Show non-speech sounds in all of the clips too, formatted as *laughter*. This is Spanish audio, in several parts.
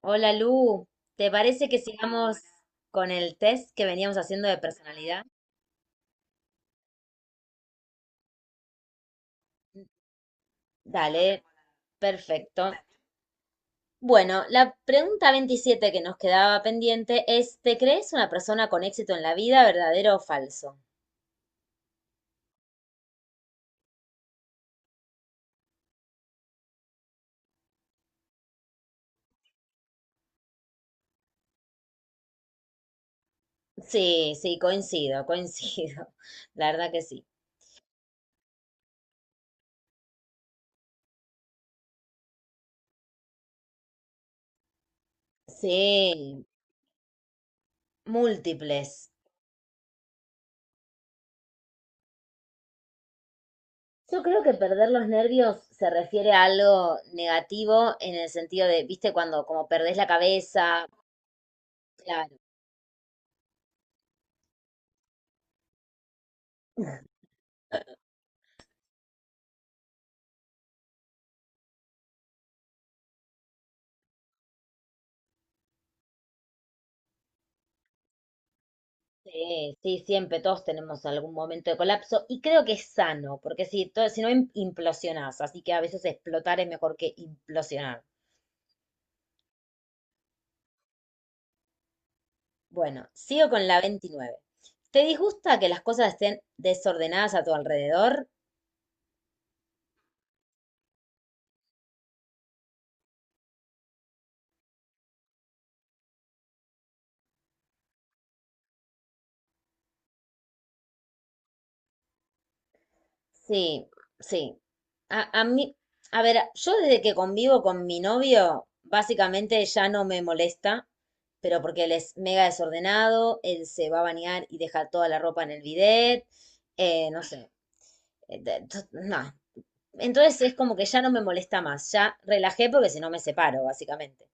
Hola Lu, ¿te parece que sigamos con el test que veníamos haciendo de personalidad? Dale, perfecto. Bueno, la pregunta 27 que nos quedaba pendiente es, ¿te crees una persona con éxito en la vida, verdadero o falso? Sí, sí, coincido, coincido. *laughs* La verdad que sí. Sí, múltiples. Yo creo que perder los nervios se refiere a algo negativo en el sentido de, viste, cuando como perdés la cabeza, claro. Sí, sí, siempre todos tenemos algún momento de colapso y creo que es sano, porque si, si no implosionás, así que a veces explotar es mejor que implosionar. Bueno, sigo con la 29. ¿Te disgusta que las cosas estén desordenadas a tu alrededor? Sí, sí. A mí, a ver, yo desde que convivo con mi novio, básicamente ya no me molesta, pero porque él es mega desordenado, él se va a bañar y deja toda la ropa en el bidet, no sé. No. Entonces es como que ya no me molesta más, ya relajé porque si no me separo, básicamente.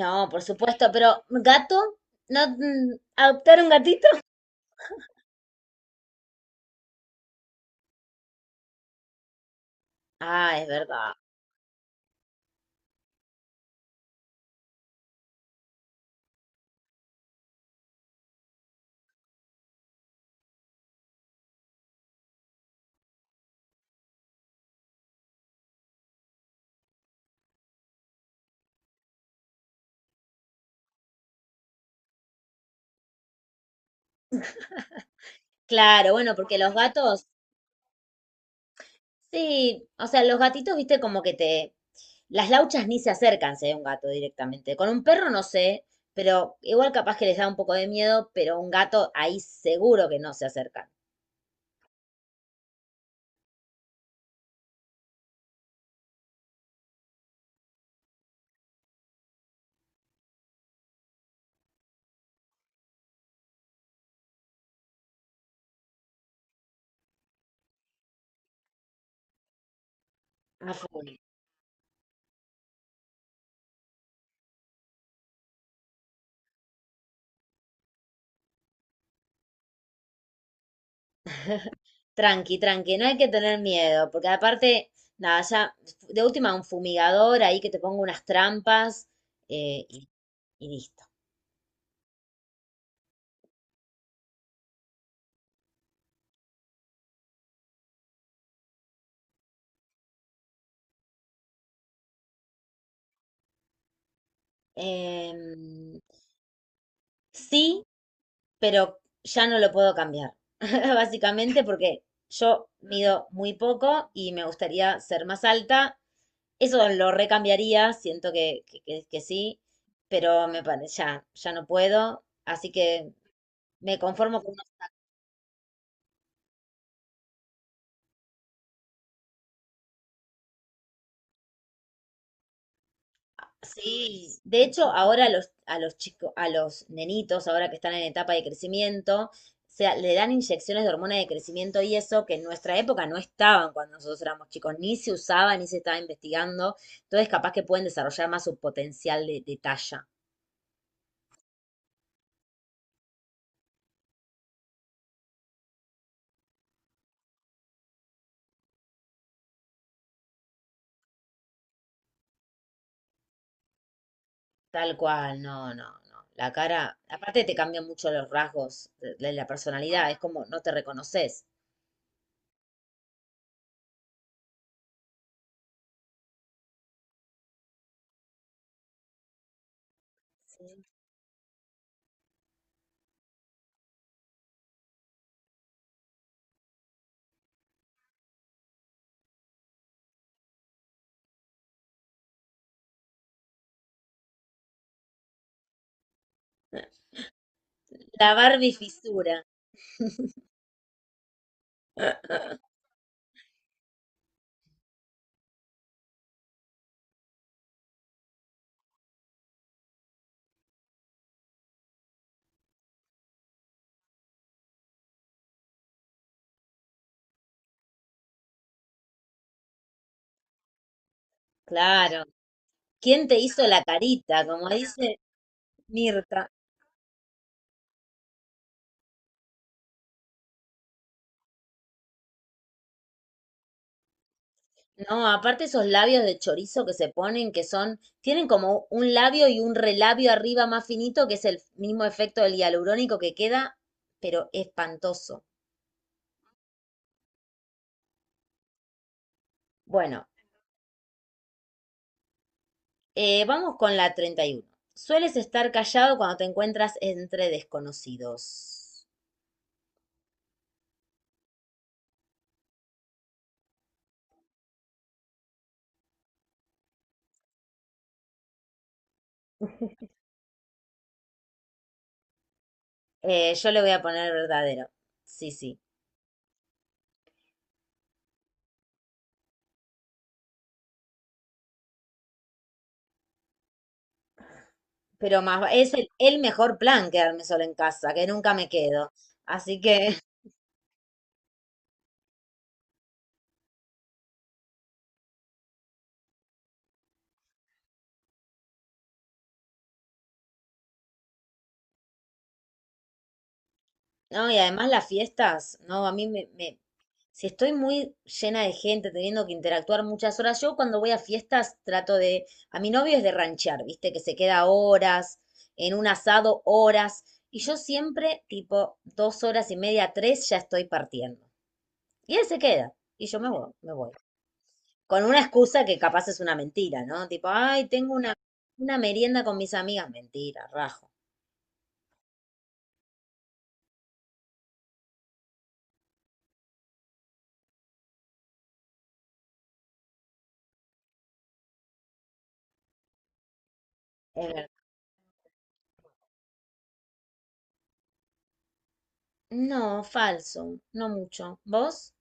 No, por supuesto, pero gato, ¿no adoptar un gatito? Ah, es verdad. Claro, bueno, porque los gatos, sí, o sea, los gatitos, viste, como que te... Las lauchas ni se acercan si hay un gato directamente. Con un perro no sé, pero igual capaz que les da un poco de miedo, pero un gato ahí seguro que no se acercan. A full. Tranqui, tranqui, no hay que tener miedo, porque aparte, nada, ya de última un fumigador ahí que te ponga unas trampas eh, y, y listo. Em, sí, pero ya no lo puedo cambiar, *laughs* básicamente porque yo mido muy poco y me gustaría ser más alta. Eso lo recambiaría, siento que, que sí, pero me parece, ya, ya no puedo, así que me conformo con sí, de hecho, ahora a a los chicos, a los nenitos, ahora que están en etapa de crecimiento, se, le dan inyecciones de hormona de crecimiento y eso que en nuestra época no estaban cuando nosotros éramos chicos, ni se usaba, ni se estaba investigando. Entonces, capaz que pueden desarrollar más su potencial de talla. Tal cual, no, no, no. La cara, aparte te cambian mucho los rasgos de la personalidad, es como no te reconoces. La Barbie fisura. *laughs* Claro. ¿Quién te hizo la carita? Como dice Mirta. No, aparte esos labios de chorizo que se ponen, que son, tienen como un labio y un relabio arriba más finito, que es el mismo efecto del hialurónico que queda, pero espantoso. Bueno, vamos con la 31. Sueles estar callado cuando te encuentras entre desconocidos. Yo le voy a poner verdadero. Sí, sí. Pero más, es el mejor plan quedarme sola en casa, que nunca me quedo. Así que, *laughs* no, y además las fiestas, no, a mí si estoy muy llena de gente, teniendo que interactuar muchas horas, yo cuando voy a fiestas trato de, a mi novio es de ranchear, viste, que se queda horas, en un asado horas, y yo siempre, tipo, dos horas y media, tres, ya estoy partiendo. Y él se queda, y yo me voy, me voy con una excusa que capaz es una mentira, ¿no? Tipo, ay, tengo una merienda con mis amigas. Mentira, rajo. Es verdad. No, falso, no mucho. ¿Vos?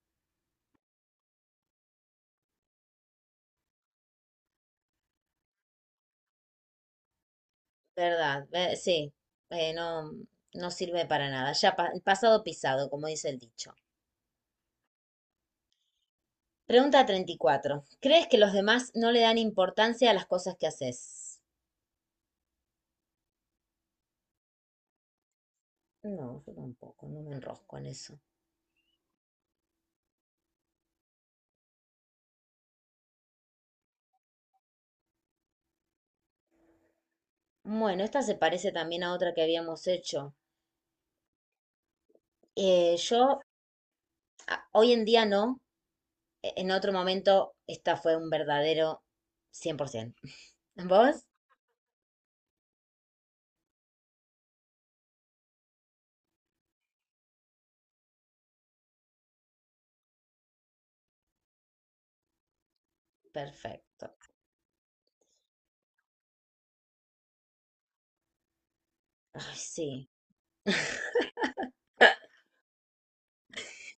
Verdad, sí, no, no sirve para nada. El pasado pisado, como dice el dicho. Pregunta 34. ¿Crees que los demás no le dan importancia a las cosas que haces? No, yo tampoco, no me enrosco en eso. Bueno, esta se parece también a otra que habíamos hecho. Yo hoy en día no, en otro momento, esta fue un verdadero 100%. *laughs* ¿Vos? Perfecto. Ay, sí.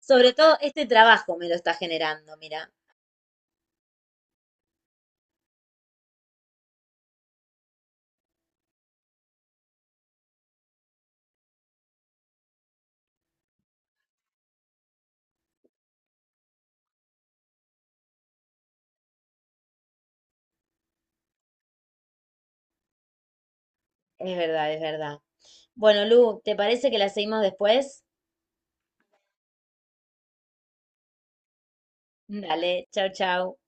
Sobre todo este trabajo me lo está generando, mira. Es verdad, es verdad. Bueno, Lu, ¿te parece que la seguimos después? Dale, chau, chau.